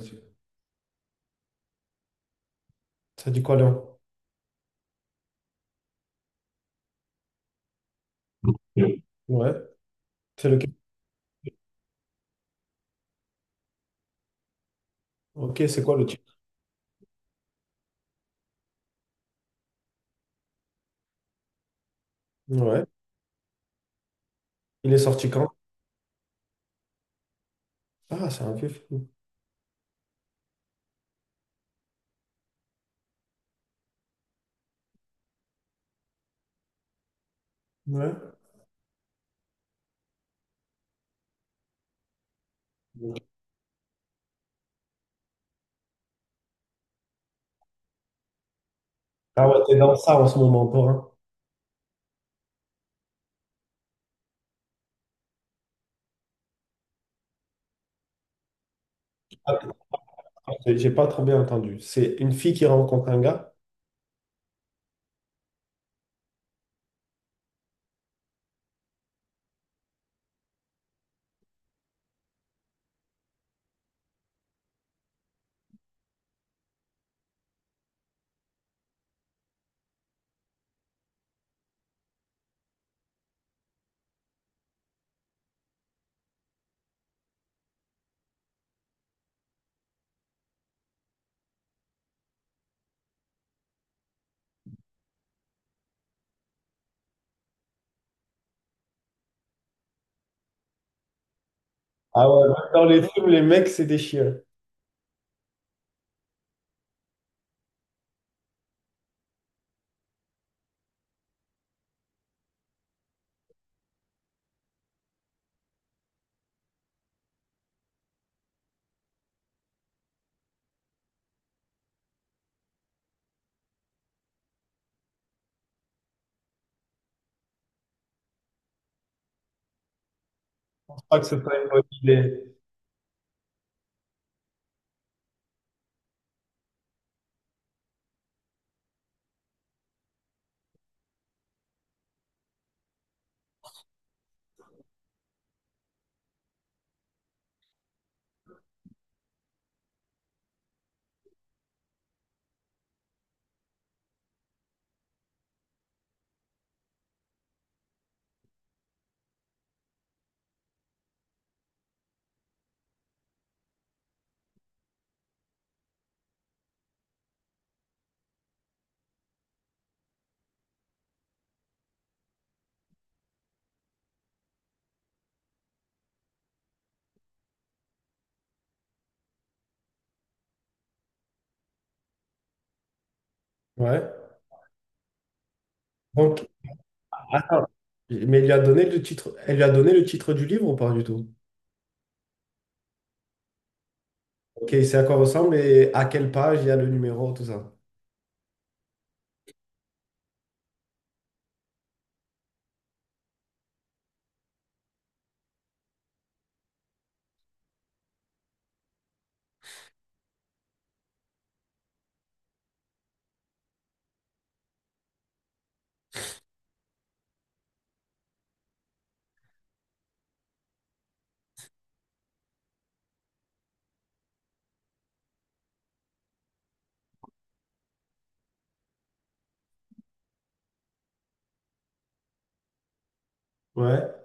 Ça dit quoi, Léon? Oui. Ouais. C'est lequel? Ok, c'est quoi le titre? Ouais. Il est sorti quand? Ah, c'est un vieux film. Ouais. Ah ouais, t'es dans ça en ce moment encore, hein. Attends, j'ai pas trop bien entendu. C'est une fille qui rencontre un gars. Ah ouais, même dans les films, les mecs, c'est des chiens. Je crois que c'est pas une bonne idée. Ouais. Donc, attends. Mais il lui a donné le titre. Elle lui a donné le titre du livre ou pas du tout? Ok, c'est à quoi ressemble et à quelle page il y a le numéro, tout ça. Ouais.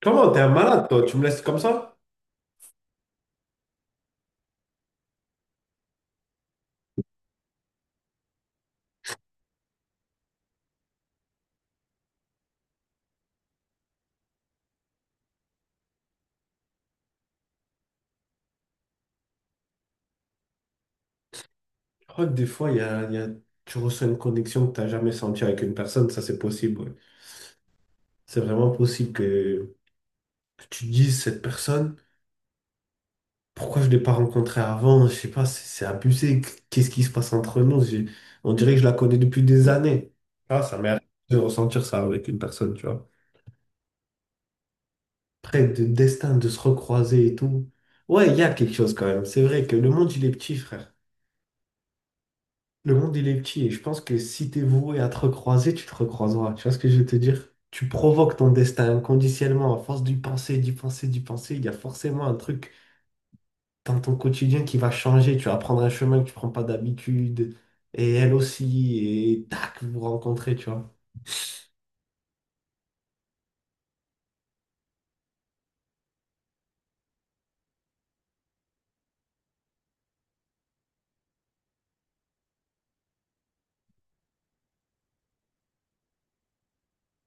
Comment t'es un malade, toi? Tu me laisses comme ça? Je crois que des fois, tu ressens une connexion que tu n'as jamais sentie avec une personne, ça c'est possible. Ouais. C'est vraiment possible que tu te dises, cette personne, pourquoi je ne l'ai pas rencontrée avant? Je sais pas, c'est abusé. Qu'est-ce qui se passe entre nous? J'ai- on dirait que je la connais depuis des années. Ah, ça m'est arrivé de ressentir ça avec une personne, tu vois. Près de destin, de se recroiser et tout. Ouais, il y a quelque chose quand même. C'est vrai que le monde, il est petit, frère. Le monde, il est petit et je pense que si t'es voué à te recroiser, tu te recroiseras. Tu vois ce que je veux te dire? Tu provoques ton destin inconditionnellement à force d'y penser, d'y penser, d'y penser. Il y a forcément un truc dans ton quotidien qui va changer. Tu vas prendre un chemin que tu prends pas d'habitude et elle aussi et tac, vous vous rencontrez, tu vois.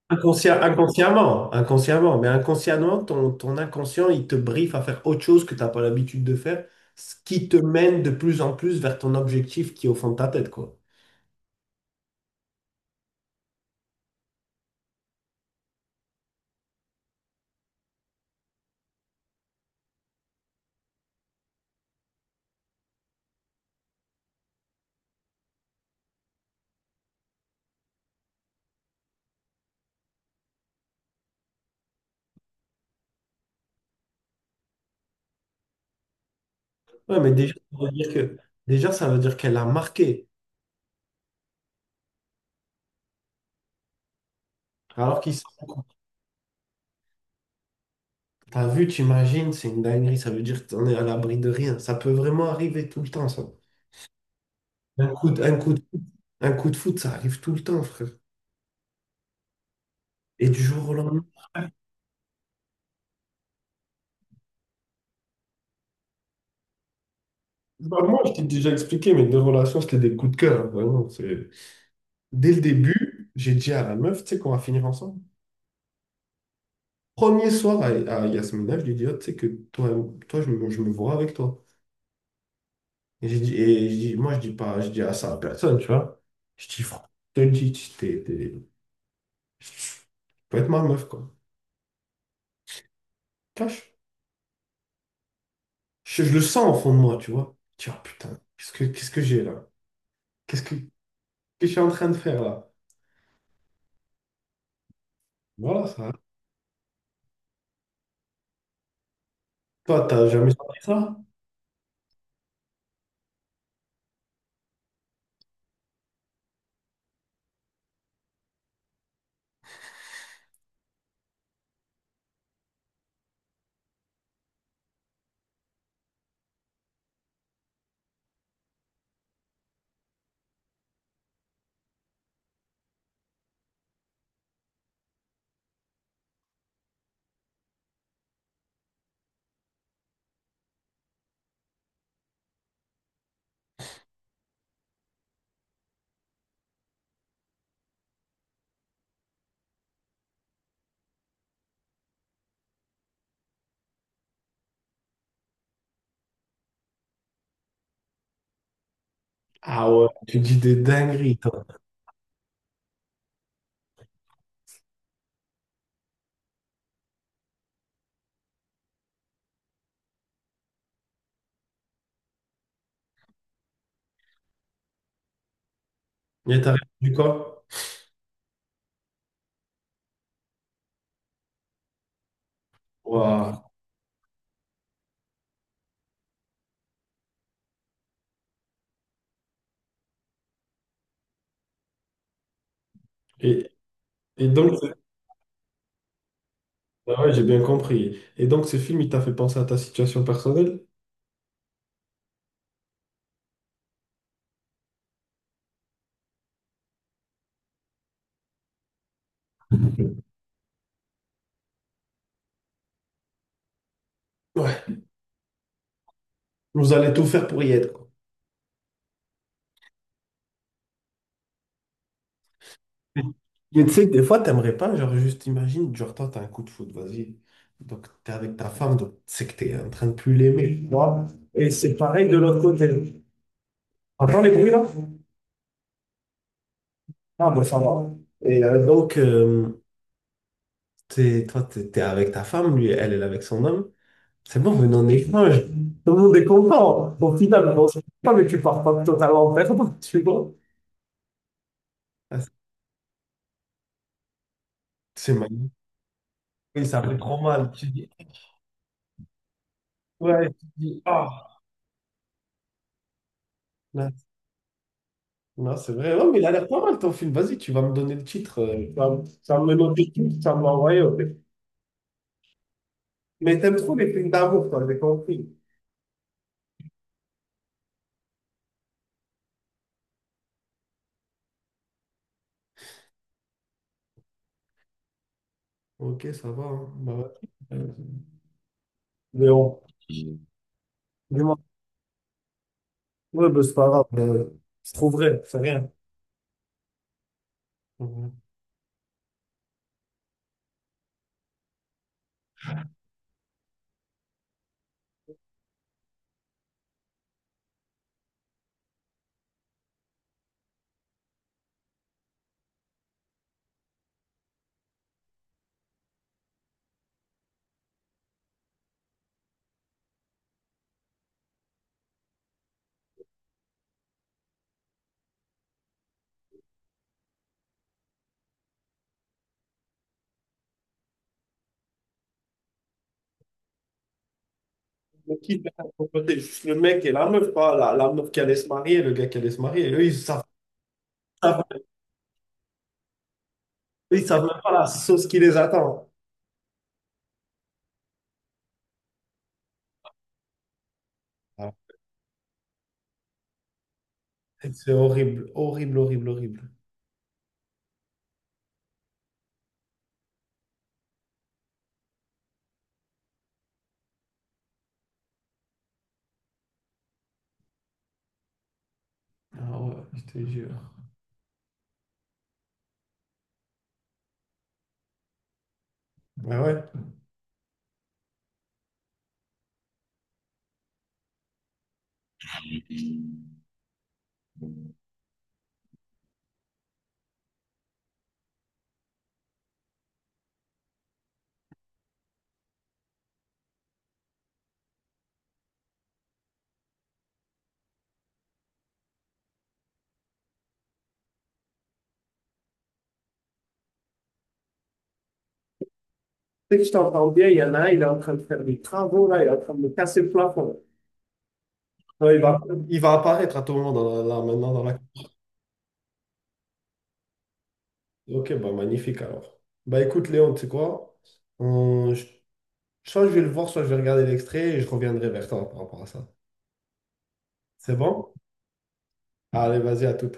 Inconscient, inconsciemment, inconsciemment, mais inconsciemment, ton inconscient, il te briefe à faire autre chose que t'as pas l'habitude de faire, ce qui te mène de plus en plus vers ton objectif qui est au fond de ta tête, quoi. Ouais, mais déjà, ça veut dire que, déjà, ça veut dire qu'elle a marqué. Alors qu'ils sont. T'as vu, t'imagines, c'est une dinguerie. Ça veut dire que t'en es à l'abri de rien. Ça peut vraiment arriver tout le temps, ça. Un coup de, un coup de, un coup de foot, ça arrive tout le temps, frère. Et du jour au lendemain. Bah, moi, je t'ai déjà expliqué, mes deux relations, c'était des coups de cœur. Hein, vraiment, c'est- dès le début, j'ai dit à la meuf, tu sais qu'on va finir ensemble. Premier soir à Yasmina, je lui ai dit, oh, tu sais que toi, toi je me vois avec toi. Et j'ai dit, et je dis- moi, je dis pas, je dis à ça à personne, tu vois. Je dis, franchement, je te le dis, tu peux être ma meuf, quoi. Cache. Je le sens au fond de moi, tu vois. Je dis, ah, putain, qu'est-ce que j'ai là? Qu'est-ce que je suis en train de faire là? Voilà, ça. Toi, t'as jamais senti ça? Ah ouais, tu dis des dingueries, toi. Et t'as répondu quoi? Waouh. Et, et donc, c'est- ah ouais, j'ai bien compris. Et donc, ce film, il t'a fait penser à ta situation personnelle? Ouais. Vous allez tout faire pour y être, quoi. Mais tu sais, des fois, t'aimerais pas, genre, juste imagine, genre, toi, t'as un coup de foudre, vas-y. Donc, t'es avec ta femme, donc, c'est que t'es en train de plus l'aimer, tu vois. Et c'est pareil de l'autre côté. Entends les bruits, là? Ah, bon, ça va. Et donc, t'es- toi, t'es avec ta femme, lui, elle, elle est avec son homme. C'est bon, venez en échange. Tout le monde est content. Au final, bon, c'est pas, mais tu pars pas totalement en perdant, tu vois. Ah, c'est magnifique. Oui, ça fait trop mal. Tu dis, ouais, tu dis, ah. Non, c'est vrai. Ouais, mais il a l'air pas mal ton film. Vas-y, tu vas me donner le titre. Ça, ça me notait tout, ça me l'a envoyé. Mais t'aimes trop les films d'amour, toi, j'ai compris. Ok, ça va. Hein. Bah, ouais. Euh, mais bon, dis-moi. Ouais, ben, c'est pas grave, c'est trop vrai, c'est rien. Mhm. Le qui va côté, juste le mec et la meuf, pas la, la meuf qui allait se marier, le gars qui allait se marier. Eux, ils savent, savent- ils savent même pas la sauce qui les attend. Ah, c'est horrible, horrible, horrible, horrible. Ah ouais, je te jure. Ah ouais. Sais que je t'entends bien, il y en a un, il est en train de faire des travaux, là, il est en train de me casser le plafond. Non, il va apparaître à tout moment dans la- là, maintenant dans la... Ok, bah magnifique alors. Bah écoute Léon, tu sais quoi? On- je- soit je vais le voir, soit je vais regarder l'extrait et je reviendrai vers toi par rapport à ça. C'est bon? Allez, vas-y, à toute.